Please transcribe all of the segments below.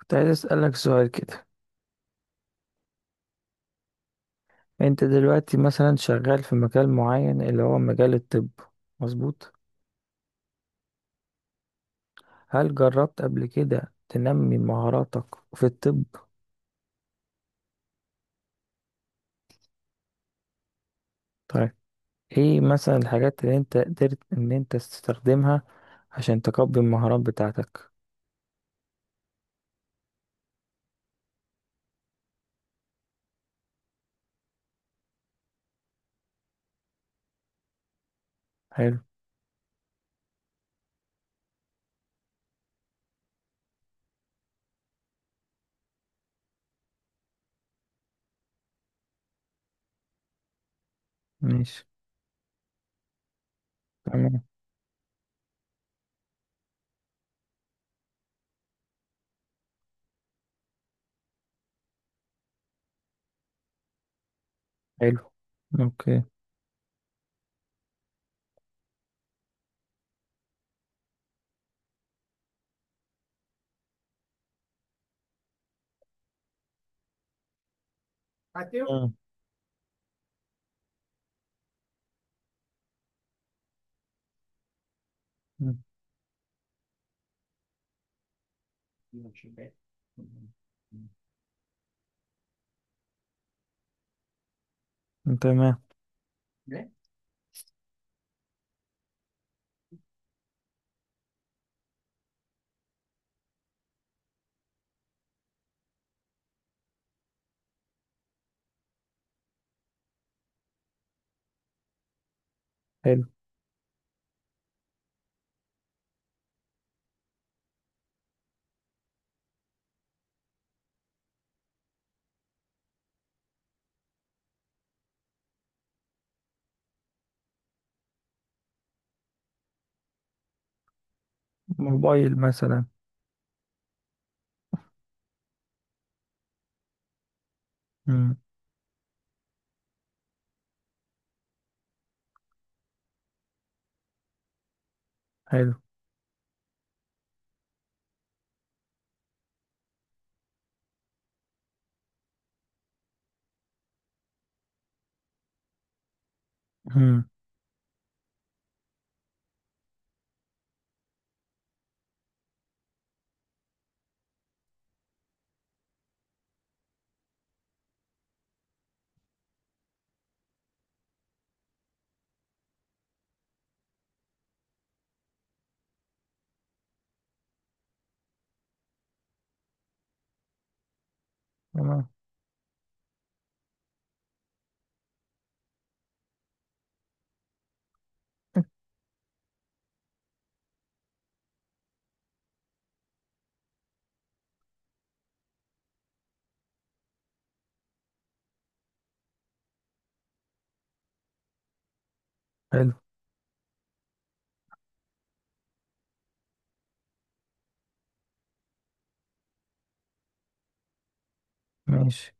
كنت عايز أسألك سؤال كده. أنت دلوقتي مثلا شغال في مجال معين اللي هو مجال الطب. مظبوط؟ هل جربت قبل كده تنمي مهاراتك في الطب؟ طيب، إيه مثلا الحاجات اللي أنت قدرت إن أنت تستخدمها عشان تقوي المهارات بتاعتك؟ حلو. ماشي. تمام. حلو. أوكي. مم. مم. تمام. حلو. موبايل مثلا. مم. حلو. مم. تمام. حلو. ماشي.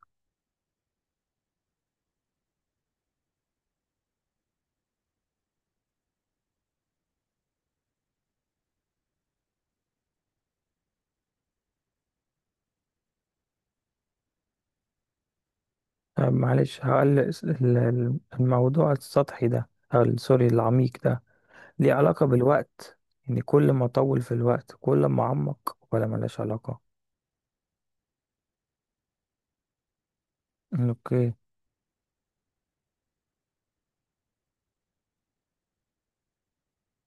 آه، معلش، هقول الموضوع السطحي ده أو سوري العميق ده، ليه علاقة بالوقت؟ يعني كل ما أطول في الوقت كل ما أعمق، ولا ملهاش علاقة؟ أوكي.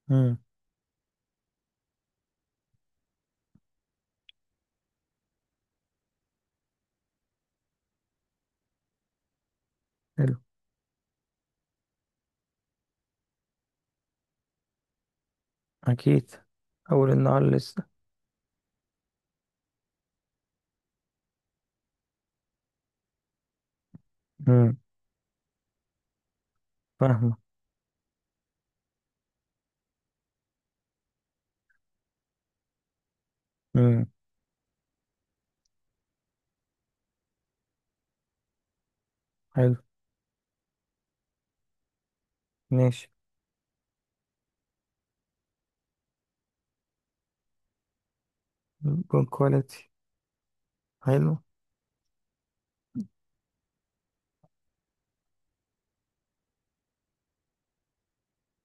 امم. حلو. أكيد. أول النهار لسه. امم. فاهمة. امم. حلو. ماشي. جود كواليتي. حلو.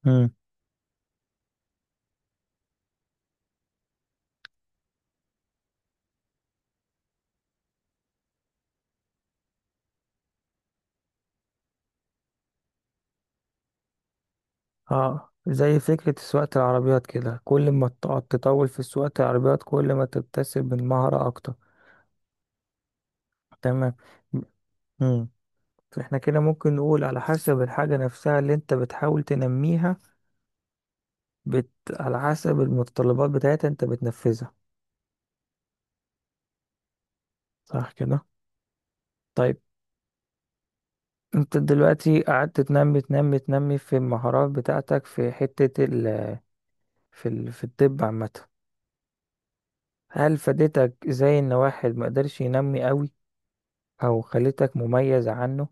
امم. اه، زي فكرة سواقة العربيات كده، كل ما تقعد تطول في سواقة العربيات كل ما تكتسب من مهارة أكتر. تمام. مم. احنا كده ممكن نقول على حسب الحاجة نفسها اللي انت بتحاول تنميها، على حسب المتطلبات بتاعتها انت بتنفذها. صح كده؟ طيب، انت دلوقتي قعدت تنمي تنمي تنمي في المهارات بتاعتك في حتة ال... في ال... في الطب عامة. هل فادتك زي ان واحد ما قدرش ينمي قوي، او خلتك مميز عنه؟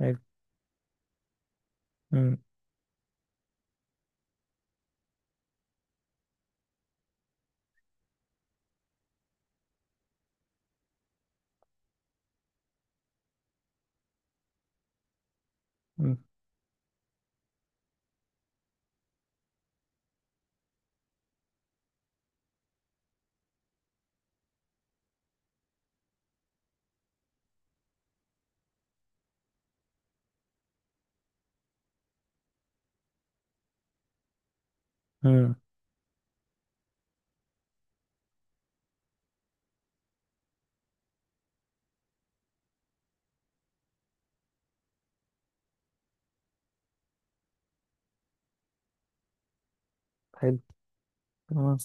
حلو. مم. مم. مم. حلو. تمام.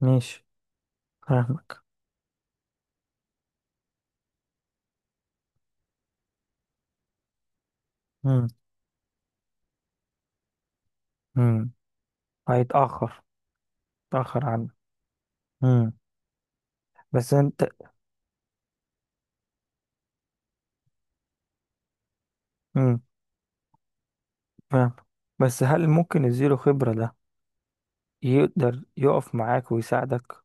ماشي. فاهمك. مم. مم. هيتأخر. تأخر عنه. مم. بس انت. امم. فاهم. بس هل ممكن الزيرو خبرة ده يقدر يقف معاك ويساعدك؟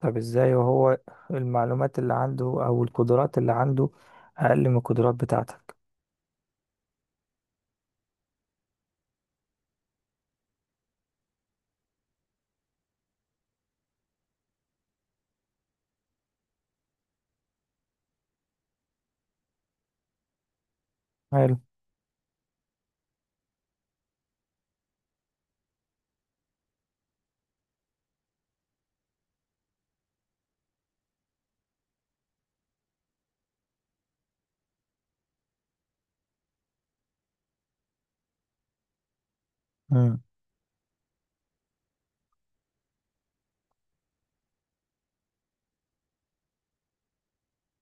طب ازاي وهو المعلومات اللي عنده او القدرات اللي عنده اقل من القدرات بتاعتك؟ حلو. امم.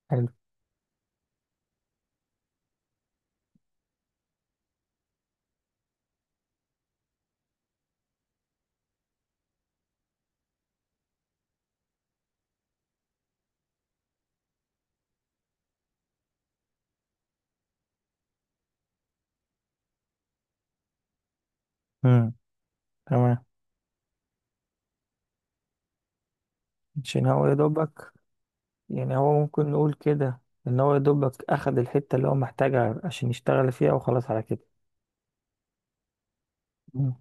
حلو. امم. تمام. عشان هو يا دوبك. يعني هو ممكن نقول كده ان هو يا دوبك اخد الحتة اللي هو محتاجها عشان يشتغل فيها وخلاص على كده. امم.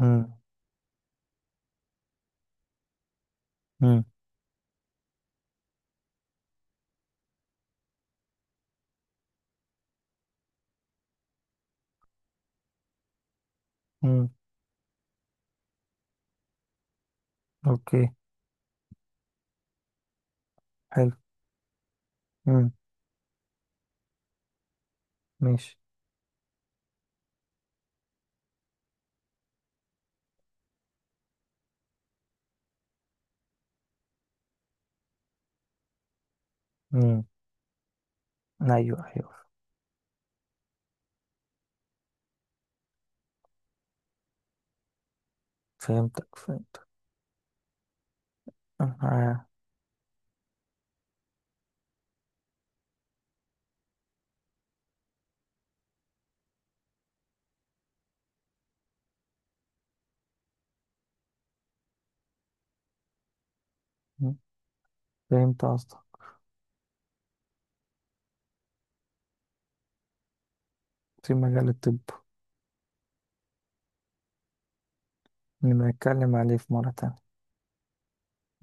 امم. امم. امم. اوكي. حلو. امم. ماشي. امم. ايوه، ايوه. فهمتك، فهمتك. آه. فهمت قصدك. في مجال الطب. نبقى نتكلم عليه في مرة تانية.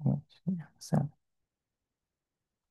ماشي يعني، سلام.